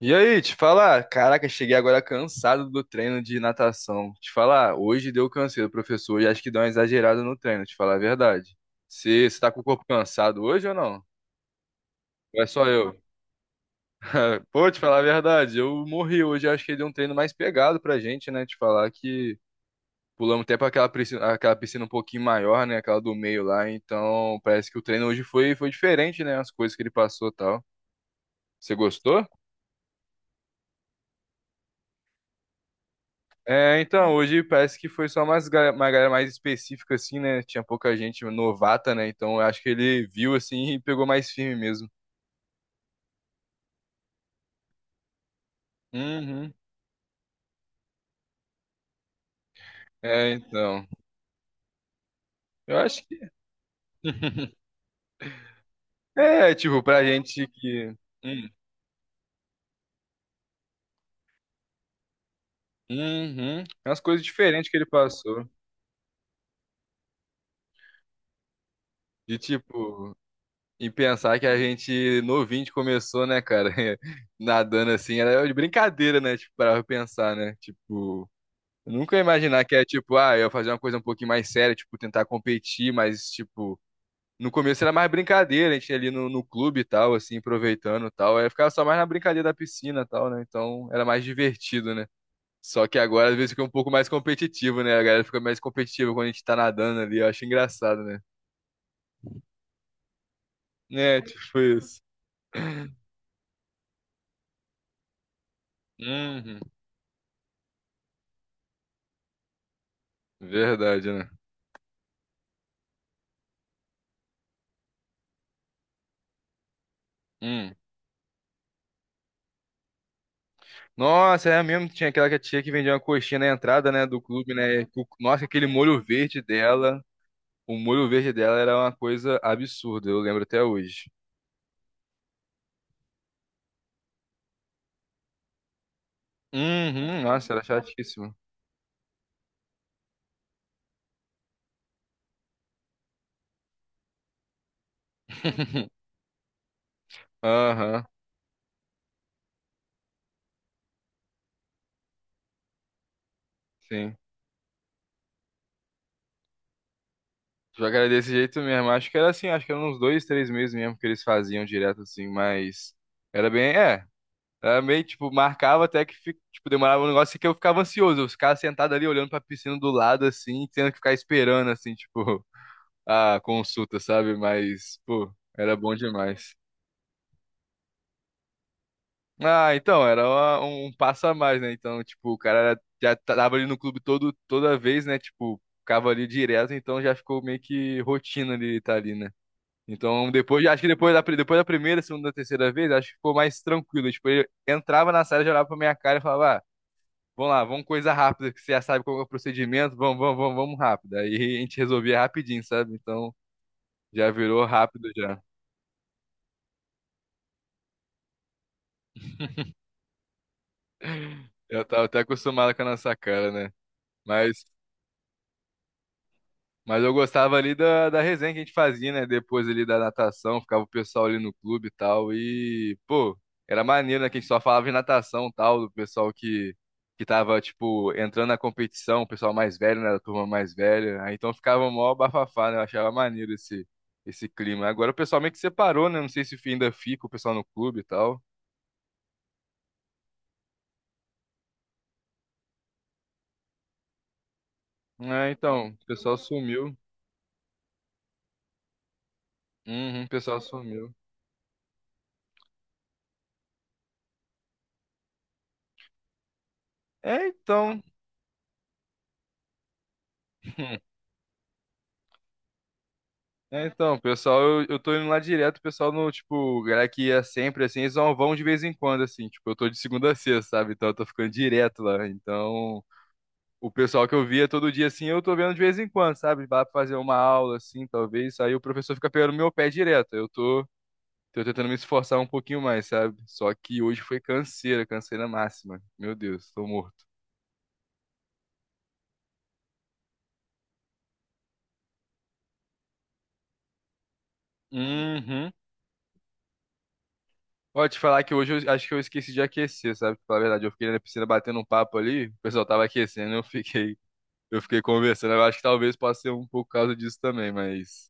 E aí, te falar, caraca, cheguei agora cansado do treino de natação. Te falar, hoje deu canseiro, professor, e acho que deu uma exagerada no treino, te falar a verdade. Você tá com o corpo cansado hoje ou não? Ou é só eu? Pô, te falar a verdade, eu morri hoje, acho que deu um treino mais pegado pra gente, né? Te falar que pulamos até pra aquela piscina um pouquinho maior, né? Aquela do meio lá, então parece que o treino hoje foi diferente, né? As coisas que ele passou e tal. Você gostou? É, então, hoje parece que foi só uma galera mais específica, assim, né? Tinha pouca gente novata, né? Então, eu acho que ele viu, assim, e pegou mais firme mesmo. Uhum. É, então. Eu acho que. É, tipo, pra gente que. Hum. Uhum. É umas coisas diferentes que ele passou. De, tipo, e pensar que a gente novinho que começou, né, cara? Nadando assim, era de brincadeira, né? Tipo, pra pensar, né? Tipo. Eu nunca ia imaginar que é tipo, ah, eu ia fazer uma coisa um pouquinho mais séria, tipo, tentar competir, mas, tipo, no começo era mais brincadeira, a gente ia ali no clube e tal, assim, aproveitando e tal. Aí ficava só mais na brincadeira da piscina e tal, né? Então era mais divertido, né? Só que agora às vezes fica um pouco mais competitivo, né? A galera fica mais competitiva quando a gente tá nadando ali, eu acho engraçado, né? É, tipo isso. Uhum, verdade, né? Hum. Nossa, é mesmo, tinha aquela que a tia que vendia uma coxinha na entrada, né, do clube, né? Nossa, aquele molho verde dela. O molho verde dela era uma coisa absurda, eu lembro até hoje. Uhum, nossa, era chatíssimo. Aham, sim. Só que era desse jeito mesmo. Acho que era assim, acho que eram uns dois, três meses mesmo que eles faziam direto assim, mas era bem, é, era meio, tipo, marcava até que, tipo, demorava um negócio que eu ficava ansioso. Eu ficava sentado ali olhando pra piscina do lado, assim, tendo que ficar esperando, assim, tipo, a consulta, sabe? Mas, pô, era bom demais. Ah, então, era um passo a mais, né? Então, tipo, o cara já tava ali no clube todo, toda vez, né? Tipo, ficava ali direto, então já ficou meio que rotina ele tá ali, né? Então, depois, acho que depois da, depois da primeira, segunda, terceira vez, acho que ficou mais tranquilo. Tipo, ele entrava na sala, já olhava pra minha cara e falava, ah, vamos lá, vamos coisa rápida, que você já sabe qual é o procedimento, vamos, vamos, vamos, vamos rápido. Aí a gente resolvia rapidinho, sabe? Então, já virou rápido já. Eu tava até acostumado com a nossa cara, né? Mas. Mas eu gostava ali da resenha que a gente fazia, né? Depois ali da natação, ficava o pessoal ali no clube e tal. E, pô, era maneiro, né? Que a gente só falava em natação e tal, do pessoal que tava, tipo, entrando na competição, o pessoal mais velho, né? Da turma mais velha. Aí então ficava mó bafafá, né? Eu achava maneiro esse clima. Agora o pessoal meio que separou, né? Não sei se ainda fica o pessoal no clube e tal. É, então, o pessoal sumiu. Uhum, o pessoal sumiu. É, então. É, então, pessoal, eu tô indo lá direto, o pessoal no, tipo, galera que ia sempre, assim, eles só vão de vez em quando, assim, tipo, eu tô de segunda a sexta, sabe? Então eu tô ficando direto lá. Então, o pessoal que eu via todo dia, assim, eu tô vendo de vez em quando, sabe? Vai pra fazer uma aula, assim, talvez, aí o professor fica pegando meu pé direto. Eu tô, tô tentando me esforçar um pouquinho mais, sabe? Só que hoje foi canseira, canseira máxima. Meu Deus, tô morto. Uhum. Pode falar que hoje eu acho que eu esqueci de aquecer, sabe? Pra falar a verdade, eu fiquei na piscina batendo um papo ali, o pessoal tava aquecendo, eu fiquei conversando. Eu acho que talvez possa ser um pouco por causa disso também, mas.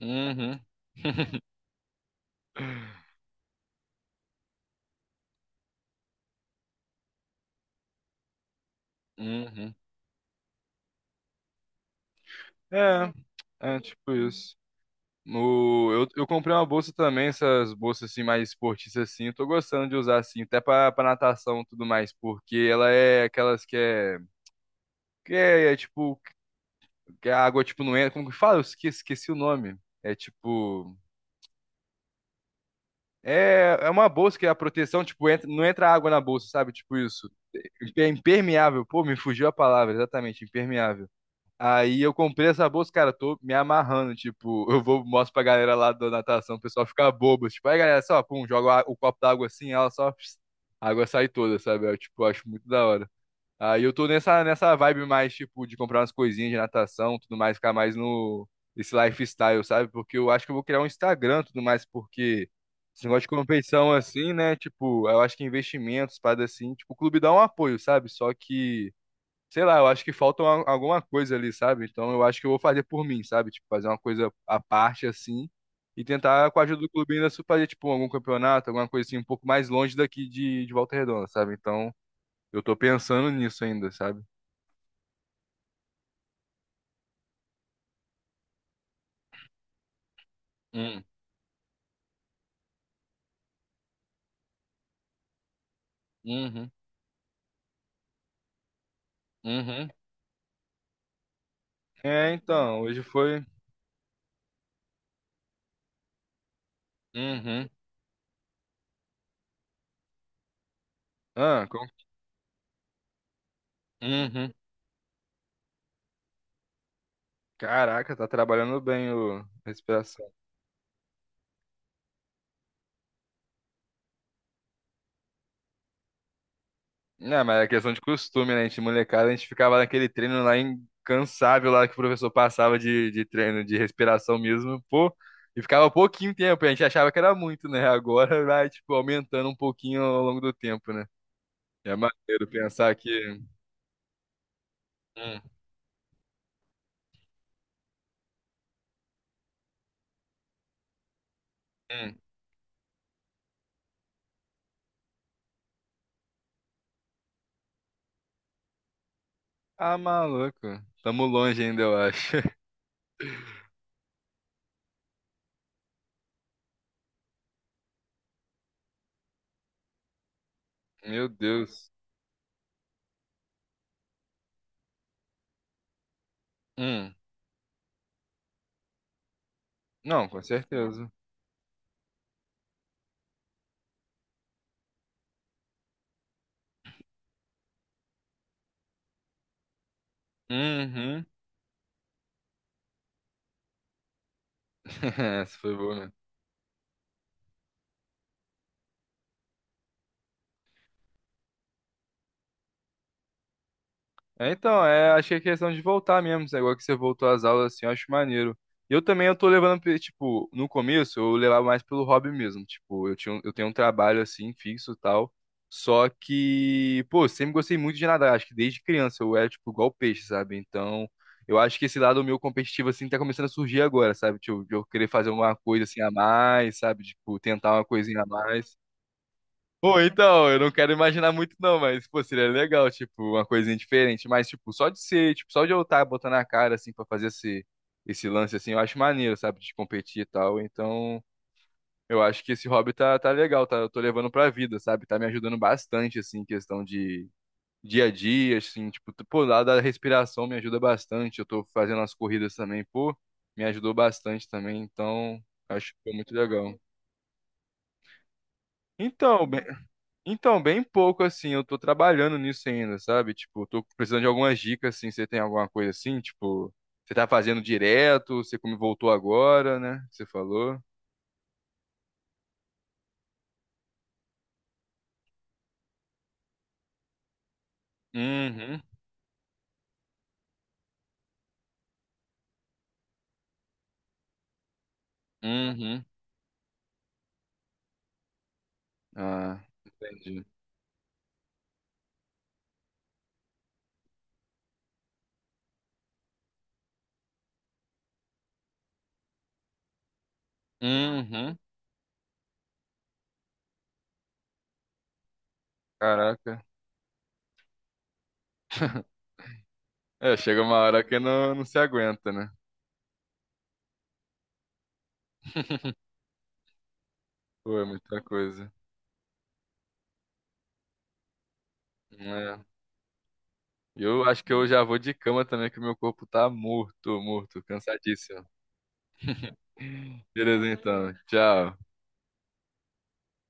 Uhum. Uhum. É, é tipo isso. O, eu comprei uma bolsa também, essas bolsas assim mais esportistas assim, eu tô gostando de usar assim, até pra natação e tudo mais, porque ela é aquelas que é, tipo, que a água tipo não entra, como que fala? Eu esqueci o nome. É tipo, é, é uma bolsa que a proteção, tipo, entra, não entra água na bolsa, sabe? Tipo isso. É impermeável. Pô, me fugiu a palavra, exatamente, impermeável. Aí eu comprei essa bolsa, cara, tô me amarrando, tipo, eu vou mostro pra galera lá da natação, o pessoal fica bobo, tipo, aí galera, só, pum, joga o copo d'água assim, ela só, pss, a água sai toda, sabe? Eu, tipo, acho muito da hora. Aí eu tô nessa vibe mais, tipo, de comprar umas coisinhas de natação, tudo mais, ficar mais no, esse lifestyle, sabe? Porque eu acho que eu vou criar um Instagram, tudo mais, porque esse negócio de competição assim, né? Tipo, eu acho que investimentos, parada assim, tipo, o clube dá um apoio, sabe? Só que, sei lá, eu acho que falta alguma coisa ali, sabe? Então eu acho que eu vou fazer por mim, sabe? Tipo, fazer uma coisa à parte assim e tentar, com a ajuda do clube, ainda fazer, tipo, algum campeonato, alguma coisa assim, um pouco mais longe daqui de Volta Redonda, sabe? Então eu tô pensando nisso ainda, sabe? Hum, uhum, uhum. É, então, hoje foi. Uhum. Ah, com... Uhum. Caraca, tá trabalhando bem o respiração. Não, mas é questão de costume, né? A gente, molecada, a gente ficava naquele treino lá incansável lá que o professor passava de treino de respiração mesmo, pô. E ficava pouquinho tempo, a gente achava que era muito, né? Agora vai, tipo, aumentando um pouquinho ao longo do tempo, né? É maneiro pensar que. Hum, hum. Ah, maluco. Tamo longe ainda, eu acho. Meu Deus. Hum, não, com certeza. Uhum. Essa foi boa mesmo. É, então, é, acho que é questão de voltar mesmo. Esse negócio que você voltou às aulas, assim, eu acho maneiro. Eu também eu tô levando, tipo, no começo eu levava mais pelo hobby mesmo. Tipo, eu tinha, eu tenho um trabalho assim, fixo e tal. Só que, pô, sempre gostei muito de nadar. Acho que desde criança eu era, tipo, igual peixe, sabe? Então, eu acho que esse lado meu competitivo, assim, tá começando a surgir agora, sabe? Tipo, de eu querer fazer uma coisa assim a mais, sabe? Tipo, tentar uma coisinha a mais. Pô, então, eu não quero imaginar muito não, mas, pô, seria legal, tipo, uma coisinha diferente. Mas, tipo, só de ser, tipo, só de eu estar botando a cara, assim, pra fazer esse, esse lance, assim, eu acho maneiro, sabe, de competir e tal. Então, eu acho que esse hobby tá legal, tá, eu tô levando pra vida, sabe? Tá me ajudando bastante, assim, em questão de dia a dia, assim, tipo, t- pô, lá da respiração me ajuda bastante. Eu tô fazendo as corridas também, pô, me ajudou bastante também, então, acho que foi muito legal. Então, então, bem pouco assim, eu tô trabalhando nisso ainda, sabe? Tipo, eu tô precisando de algumas dicas assim, você tem alguma coisa assim, tipo, você tá fazendo direto, você como voltou agora, né? Você falou. Uhum, uhum. Ah, entendi. Uhum. Caraca. É, chega uma hora que não, não se aguenta, né? Pô, é muita coisa. É. Eu acho que eu já vou de cama também, que meu corpo tá morto, morto, cansadíssimo. Beleza, então. Tchau.